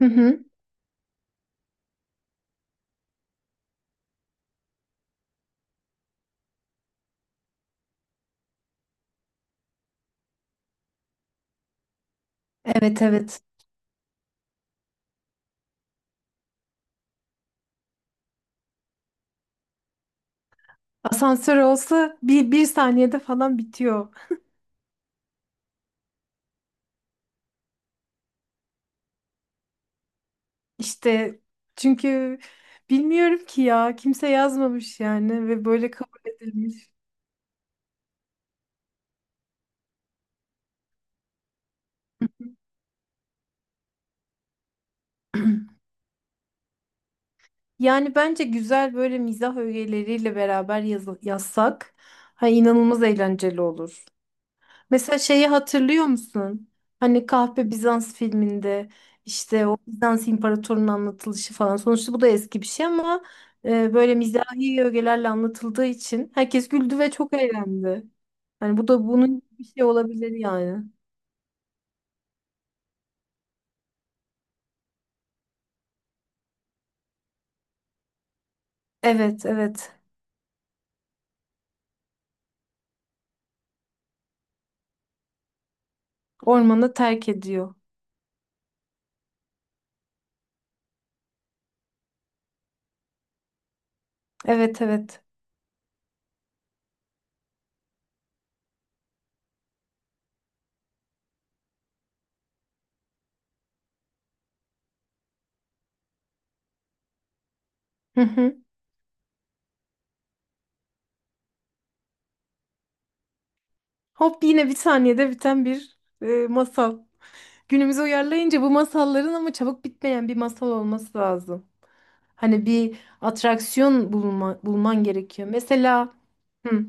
Hı hı. Evet evet. Asansör olsa bir saniyede falan bitiyor. İşte çünkü bilmiyorum ki ya kimse yazmamış yani ve böyle kabul edilmiş. Yani bence güzel böyle mizah öğeleriyle beraber yazsak ha, inanılmaz eğlenceli olur. Mesela şeyi hatırlıyor musun? Hani Kahpe Bizans filminde işte o Bizans imparatorunun anlatılışı falan. Sonuçta bu da eski bir şey ama böyle mizahi ögelerle anlatıldığı için herkes güldü ve çok eğlendi. Hani bu da bunun gibi bir şey olabilir yani. Evet, evet. Ormanı terk ediyor. Evet, evet. Hı hı. Hop yine bir saniyede biten bir masal. Günümüze uyarlayınca bu masalların ama çabuk bitmeyen bir masal olması lazım. Hani bir bulman gerekiyor. Mesela hı,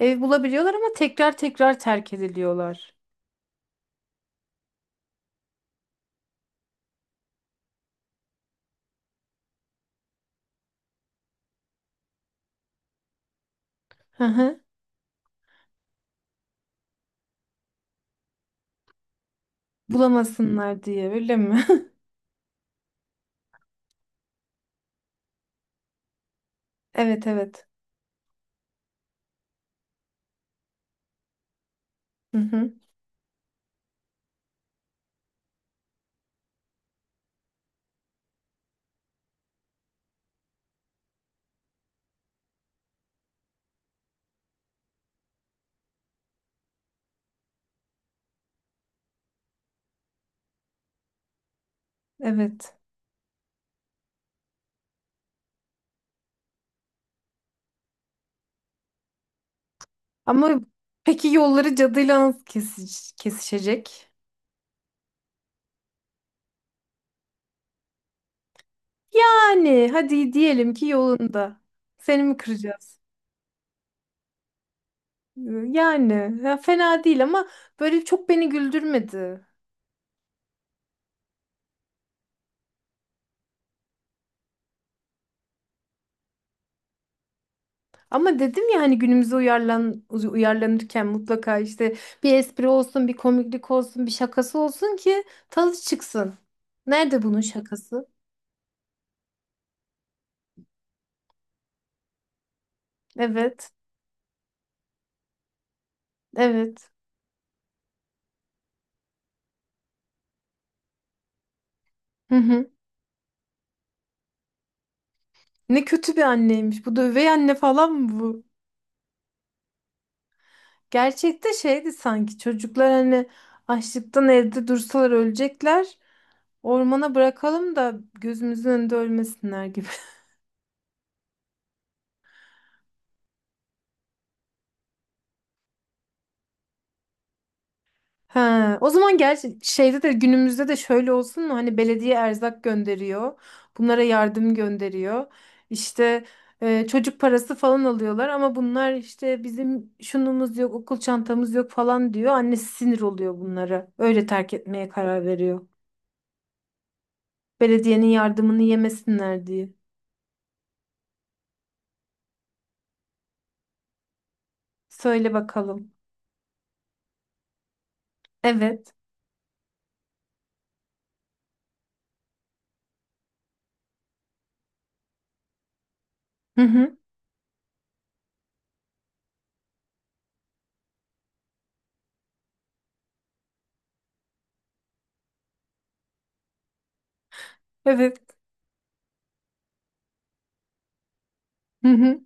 ev bulabiliyorlar ama tekrar tekrar terk ediliyorlar. Hı hı. Bulamasınlar diye öyle mi? Evet evet. Hı hı. Evet. Ama peki yolları cadıyla nasıl kesişecek? Yani hadi diyelim ki yolunda. Seni mi kıracağız? Ee, Yani ya fena değil ama böyle çok beni güldürmedi. Ama dedim ya hani günümüze uyarlanırken mutlaka işte bir espri olsun, bir komiklik olsun, bir şakası olsun ki tadı çıksın. Nerede bunun şakası? Evet, evet. Hı hı. Ne kötü bir anneymiş. Bu da üvey anne falan mı bu? Gerçekte şeydi sanki çocuklar hani açlıktan evde dursalar ölecekler. Ormana bırakalım da gözümüzün önünde ölmesinler gibi. Ha, o zaman gerçi şeyde de günümüzde de şöyle olsun mu? Hani belediye erzak gönderiyor. Bunlara yardım gönderiyor. İşte çocuk parası falan alıyorlar ama bunlar işte bizim şunumuz yok, okul çantamız yok falan diyor. Annesi sinir oluyor bunlara. Öyle terk etmeye karar veriyor. Belediyenin yardımını yemesinler diye. Söyle bakalım. Evet. Hı hı. Evet. Hı hı.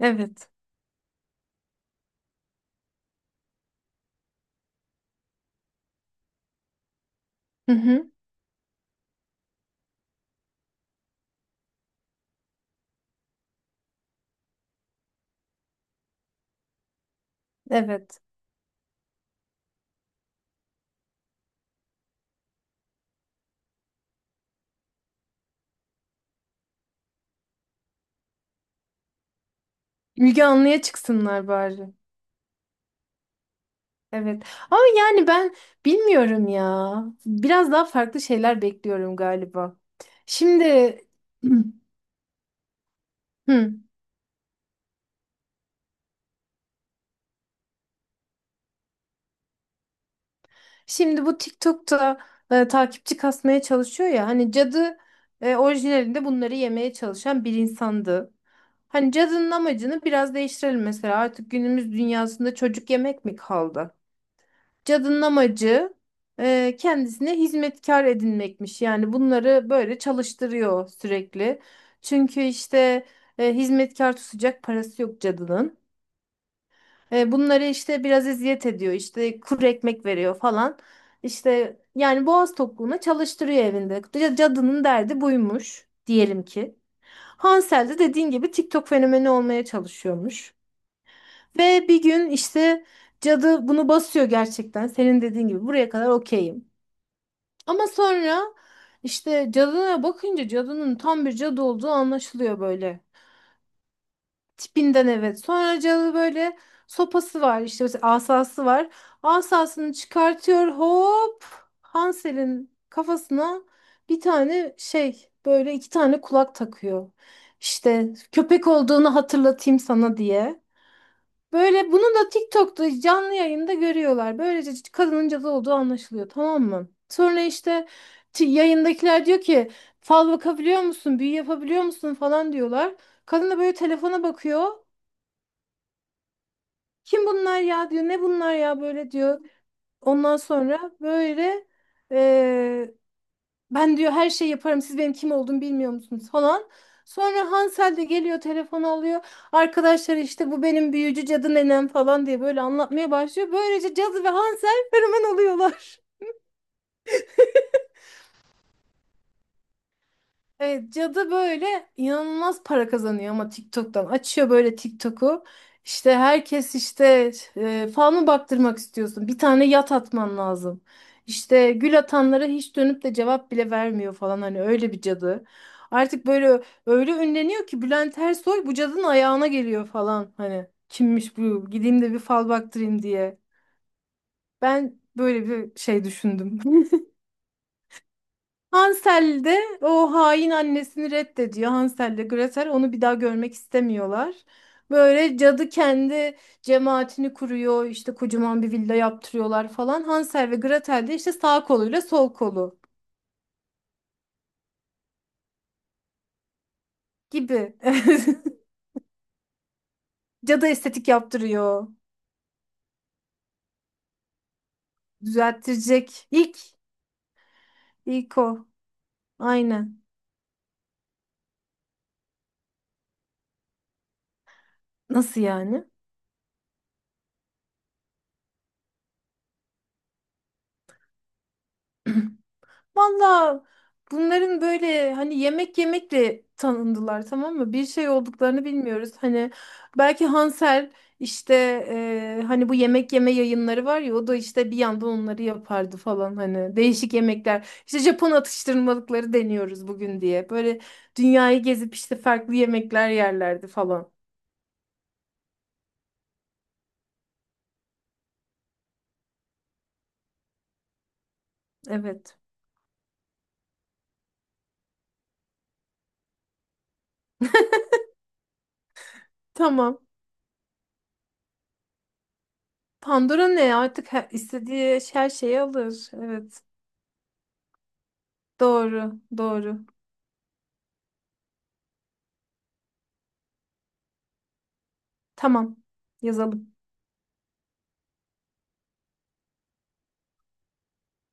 Evet. Hı hı. Evet. Müge Anlı'ya çıksınlar bari. Evet. Ama yani ben bilmiyorum ya. Biraz daha farklı şeyler bekliyorum galiba. Şimdi Hı. Şimdi bu TikTok'ta takipçi kasmaya çalışıyor ya. Hani cadı orijinalinde bunları yemeye çalışan bir insandı. Hani cadının amacını biraz değiştirelim mesela. Artık günümüz dünyasında çocuk yemek mi kaldı? Cadının amacı kendisine hizmetkar edinmekmiş. Yani bunları böyle çalıştırıyor sürekli. Çünkü işte hizmetkar tutacak parası yok cadının. Bunları işte biraz eziyet ediyor. İşte kuru ekmek veriyor falan. İşte yani boğaz tokluğuna çalıştırıyor evinde. Cadının derdi buymuş diyelim ki. Hansel de dediğin gibi TikTok fenomeni olmaya çalışıyormuş. Ve bir gün işte cadı bunu basıyor gerçekten. Senin dediğin gibi buraya kadar okeyim. Ama sonra işte cadına bakınca cadının tam bir cadı olduğu anlaşılıyor böyle. Tipinden evet. Sonra cadı böyle sopası var işte mesela asası var. Asasını çıkartıyor hop Hansel'in kafasına bir tane şey böyle iki tane kulak takıyor. İşte köpek olduğunu hatırlatayım sana diye. Böyle bunu da TikTok'ta canlı yayında görüyorlar. Böylece kadının cadı olduğu anlaşılıyor, tamam mı? Sonra işte yayındakiler diyor ki fal bakabiliyor musun, büyü yapabiliyor musun falan diyorlar. Kadın da böyle telefona bakıyor. Kim bunlar ya diyor, ne bunlar ya böyle diyor. Ondan sonra böyle ben diyor her şeyi yaparım. Siz benim kim olduğumu bilmiyor musunuz falan. Sonra Hansel de geliyor telefonu alıyor. Arkadaşlar işte bu benim büyücü cadı nenem falan diye böyle anlatmaya başlıyor. Böylece cadı ve Hansel fenomen oluyorlar. Evet, cadı böyle inanılmaz para kazanıyor ama TikTok'tan. Açıyor böyle TikTok'u. İşte herkes işte fanı baktırmak istiyorsun. Bir tane yat atman lazım. İşte gül atanlara hiç dönüp de cevap bile vermiyor falan hani öyle bir cadı. Artık böyle öyle ünleniyor ki Bülent Ersoy bu cadının ayağına geliyor falan hani kimmiş bu gideyim de bir fal baktırayım diye. Ben böyle bir şey düşündüm. Hansel de o hain annesini reddediyor. Hansel de Gretel onu bir daha görmek istemiyorlar. Böyle cadı kendi cemaatini kuruyor. İşte kocaman bir villa yaptırıyorlar falan. Hansel ve Gretel de işte sağ koluyla sol kolu gibi. Cadı estetik yaptırıyor. Düzelttirecek. İlk o. Aynen. Nasıl yani? Valla bunların böyle hani yemek yemekle tanındılar tamam mı? Bir şey olduklarını bilmiyoruz. Hani belki Hansel işte hani bu yemek yeme yayınları var ya o da işte bir yandan onları yapardı falan hani değişik yemekler. İşte Japon atıştırmalıkları deniyoruz bugün diye. Böyle dünyayı gezip işte farklı yemekler yerlerdi falan. Evet. Tamam. Pandora ne? Artık her, istediği her şeyi alır. Evet. Doğru. Doğru. Tamam. Yazalım.